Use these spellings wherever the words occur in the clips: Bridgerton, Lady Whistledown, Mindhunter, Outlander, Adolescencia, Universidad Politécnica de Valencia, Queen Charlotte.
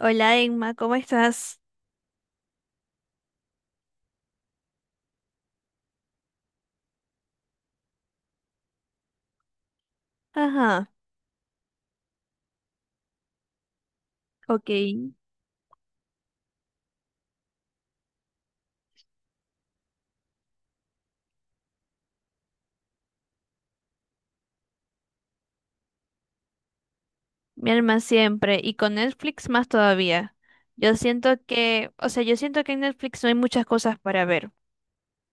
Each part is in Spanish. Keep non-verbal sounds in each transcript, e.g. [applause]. Hola Emma, ¿cómo estás? Ajá, ok. Mi alma siempre. Y con Netflix más todavía. Yo siento que, o sea, yo siento que en Netflix no hay muchas cosas para ver.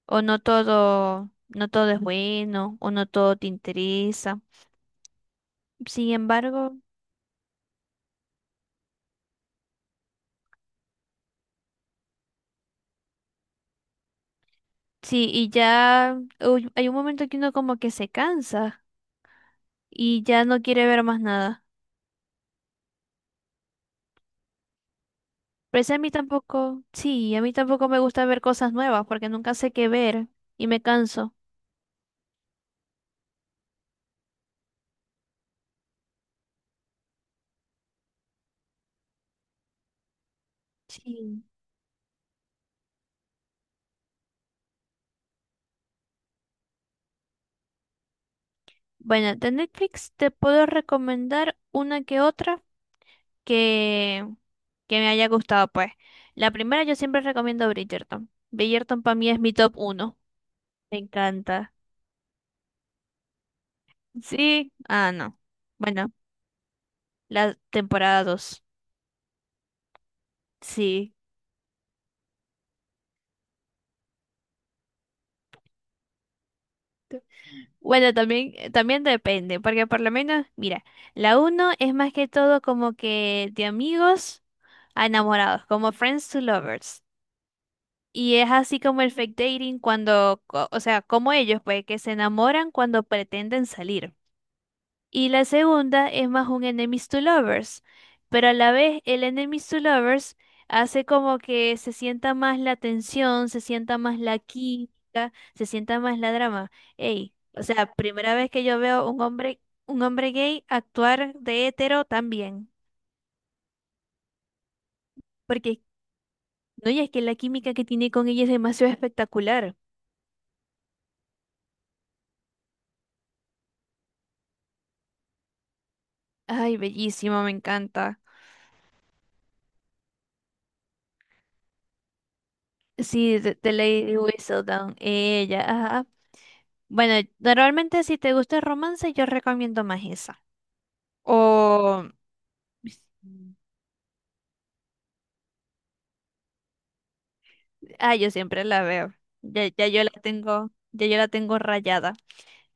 O no todo, no todo es bueno, o no todo te interesa. Sin embargo, sí, y ya uy, hay un momento que uno como que se cansa y ya no quiere ver más nada. Pero es a mí tampoco, sí, a mí tampoco me gusta ver cosas nuevas porque nunca sé qué ver y me canso. Sí. Bueno, de Netflix te puedo recomendar una que otra que, que me haya gustado, pues. La primera yo siempre recomiendo Bridgerton. Bridgerton para mí es mi top uno. Me encanta. Sí, ah, no. Bueno, la temporada 2. Sí. Bueno, también, depende, porque por lo menos, mira, la uno es más que todo como que de amigos a enamorados, como Friends to Lovers. Y es así como el fake dating cuando, o sea, como ellos, pues, que se enamoran cuando pretenden salir. Y la segunda es más un enemies to lovers, pero a la vez el enemies to lovers hace como que se sienta más la tensión, se sienta más la química, se sienta más la drama. Ey, o sea, primera vez que yo veo un hombre gay actuar de hetero también, porque no, y es que la química que tiene con ella es demasiado espectacular. Ay, bellísimo, me encanta. Sí, de Lady Whistledown, ella, ajá. Bueno, normalmente si te gusta el romance, yo recomiendo más esa. O, ah, yo siempre la veo. Ya, ya yo la tengo, ya yo la tengo rayada.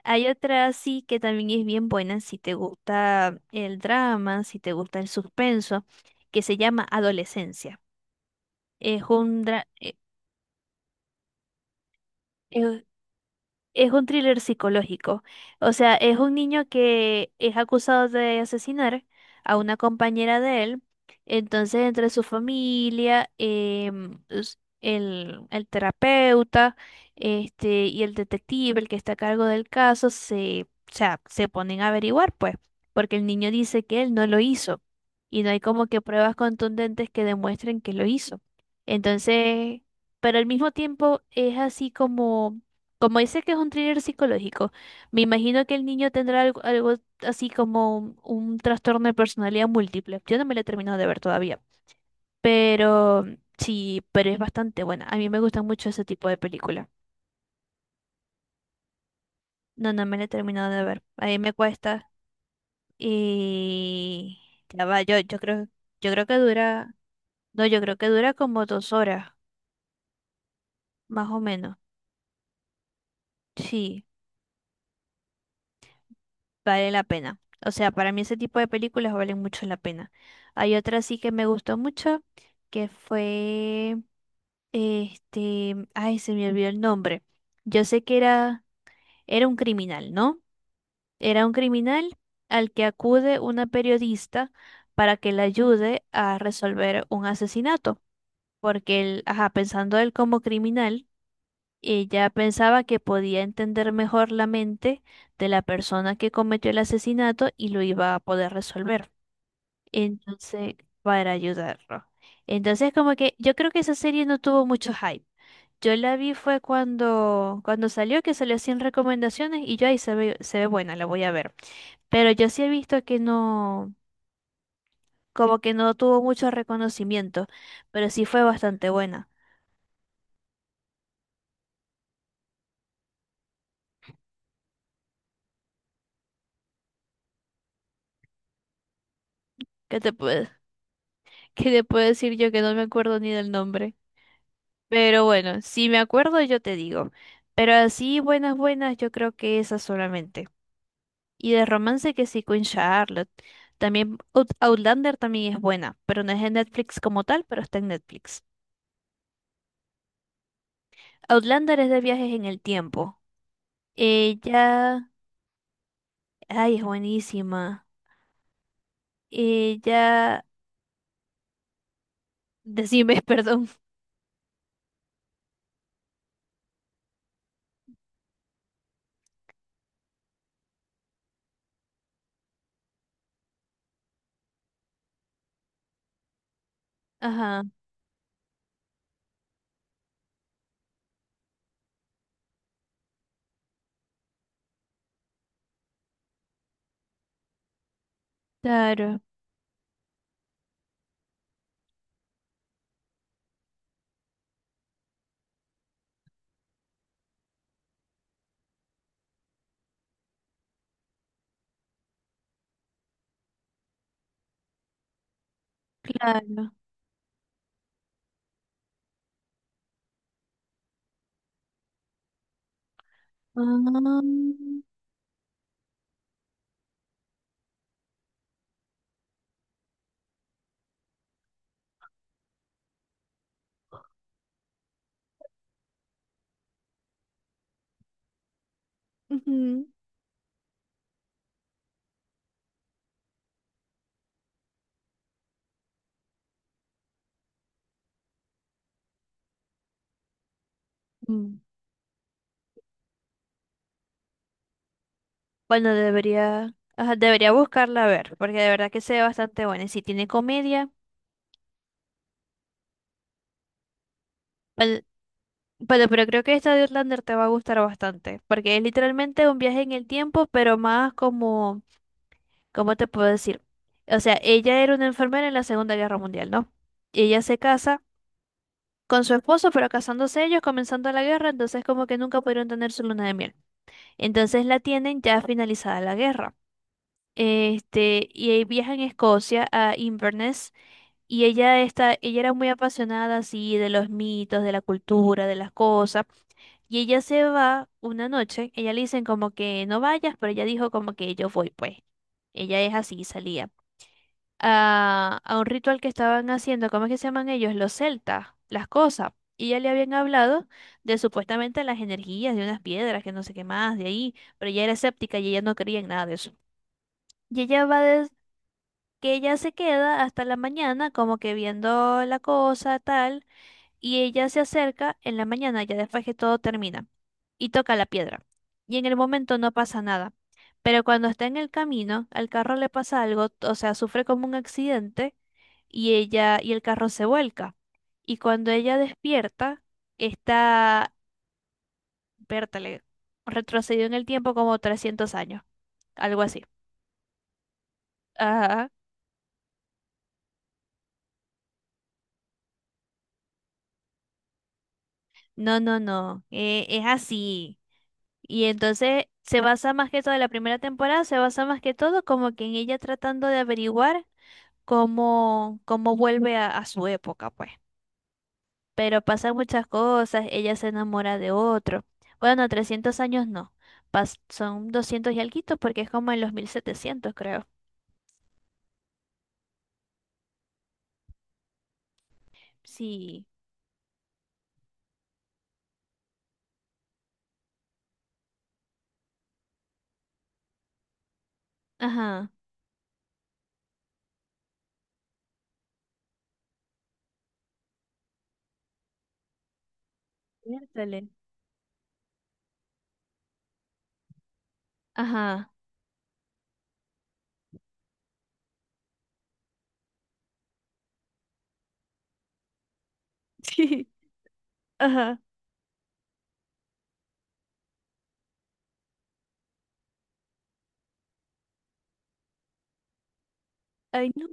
Hay otra sí que también es bien buena si te gusta el drama, si te gusta el suspenso, que se llama Adolescencia. Es un dra- eh, eh, Es un thriller psicológico. O sea, es un niño que es acusado de asesinar a una compañera de él. Entonces, entre su familia, el terapeuta, este, y el detective, el que está a cargo del caso, se, o sea, se ponen a averiguar, pues, porque el niño dice que él no lo hizo. Y no hay como que pruebas contundentes que demuestren que lo hizo. Entonces, pero al mismo tiempo es así como como dice que es un thriller psicológico, me imagino que el niño tendrá algo así como un trastorno de personalidad múltiple. Yo no me la he terminado de ver todavía, pero sí, pero es bastante buena. A mí me gusta mucho ese tipo de película. No, no me la he terminado de ver. A mí me cuesta y ya va, yo creo, yo creo que dura, no, yo creo que dura como 2 horas, más o menos. Sí. Vale la pena. O sea, para mí ese tipo de películas valen mucho la pena. Hay otra sí que me gustó mucho, que fue, este, ay, se me olvidó el nombre. Yo sé que era, era un criminal, ¿no? Era un criminal al que acude una periodista para que le ayude a resolver un asesinato, porque él, ajá, pensando él como criminal ella pensaba que podía entender mejor la mente de la persona que cometió el asesinato y lo iba a poder resolver. Entonces, para ayudarlo. Entonces, como que yo creo que esa serie no tuvo mucho hype. Yo la vi fue cuando, cuando salió, que salió sin recomendaciones y yo ahí se ve buena, la voy a ver. Pero yo sí he visto que no, como que no tuvo mucho reconocimiento, pero sí fue bastante buena. ¿Qué te puedo, [laughs] qué te puedo decir yo que no me acuerdo ni del nombre? Pero bueno, si me acuerdo yo te digo. Pero así buenas, buenas, yo creo que esas solamente. Y de romance que sí, Queen Charlotte. También Outlander también es buena, pero no es en Netflix como tal, pero está en Netflix. Outlander es de viajes en el tiempo. Ella, ay, es buenísima. Ella, decime, [laughs] perdón. Ajá, claro, claro. Ah, ujú. Bueno, debería, ajá, debería buscarla a ver, porque de verdad que se ve bastante buena. Y si tiene comedia, bueno, bueno, pero creo que esta de Outlander te va a gustar bastante, porque es literalmente un viaje en el tiempo, pero más como, ¿cómo te puedo decir? O sea, ella era una enfermera en la Segunda Guerra Mundial, ¿no? Y ella se casa con su esposo, pero casándose ellos, comenzando la guerra, entonces como que nunca pudieron tener su luna de miel. Entonces la tienen ya finalizada la guerra. Este, y ahí viaja en Escocia a Inverness. Y ella está, ella era muy apasionada así de los mitos, de la cultura, de las cosas. Y ella se va una noche, ella le dicen como que no vayas, pero ella dijo como que yo voy, pues. Ella es así, salía. A un ritual que estaban haciendo, ¿cómo es que se llaman ellos? Los celtas, las cosas. Y ya le habían hablado de supuestamente las energías de unas piedras, que no sé qué más, de ahí. Pero ella era escéptica y ella no creía en nada de eso. Y ella que ella se queda hasta la mañana como que viendo la cosa, tal y ella se acerca en la mañana, ya después que todo termina, y toca la piedra. Y en el momento no pasa nada. Pero cuando está en el camino, al carro le pasa algo, o sea, sufre como un accidente y ella y el carro se vuelca. Y cuando ella despierta, está, vértale, retrocedió en el tiempo como 300 años, algo así. Ajá. No, no, no, es así. Y entonces se basa más que todo, la primera temporada se basa más que todo como que en ella tratando de averiguar cómo vuelve a su época, pues. Pero pasan muchas cosas, ella se enamora de otro. Bueno, 300 años no, son 200 y alguito porque es como en los 1700 creo. Sí, ajá. Miércoles. Ajá. [laughs] Sí, ajá. Ay, no.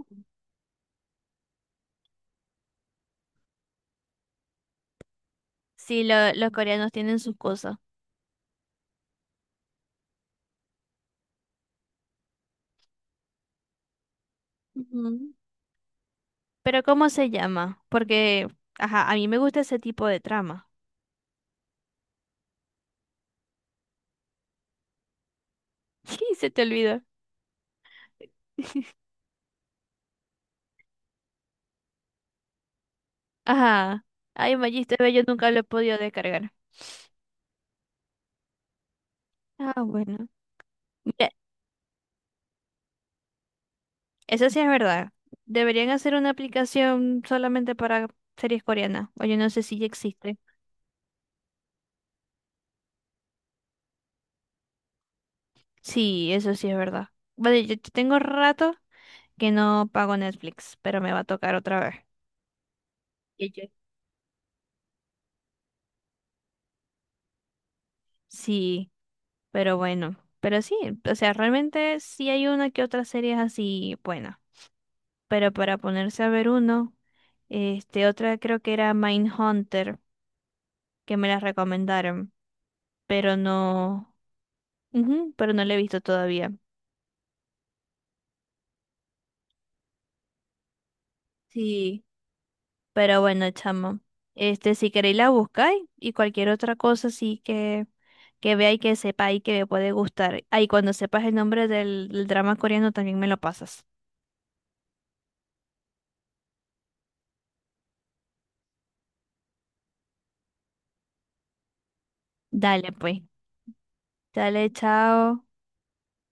Sí, los coreanos tienen sus cosas. Ujú. Pero ¿cómo se llama? Porque, ajá, a mí me gusta ese tipo de trama. [laughs] Sí, se te olvidó. Ajá. Ay, Magiste ve, yo nunca lo he podido descargar. Ah, bueno. Mira, eso sí es verdad. Deberían hacer una aplicación solamente para series coreanas. O yo no sé si ya existe. Sí, eso sí es verdad. Vale, yo tengo rato que no pago Netflix, pero me va a tocar otra vez. ¿Y yo? Sí, pero bueno. Pero sí, o sea, realmente sí hay una que otra serie así buena. Pero para ponerse a ver uno, este, otra creo que era Mindhunter, que me la recomendaron, pero no, ujú, pero no la he visto todavía. Sí. Pero bueno, chamo, este, si queréis la buscáis y cualquier otra cosa sí que vea y que sepa y que me puede gustar. Ahí cuando sepas el nombre del drama coreano también me lo pasas. Dale, pues. Dale, chao.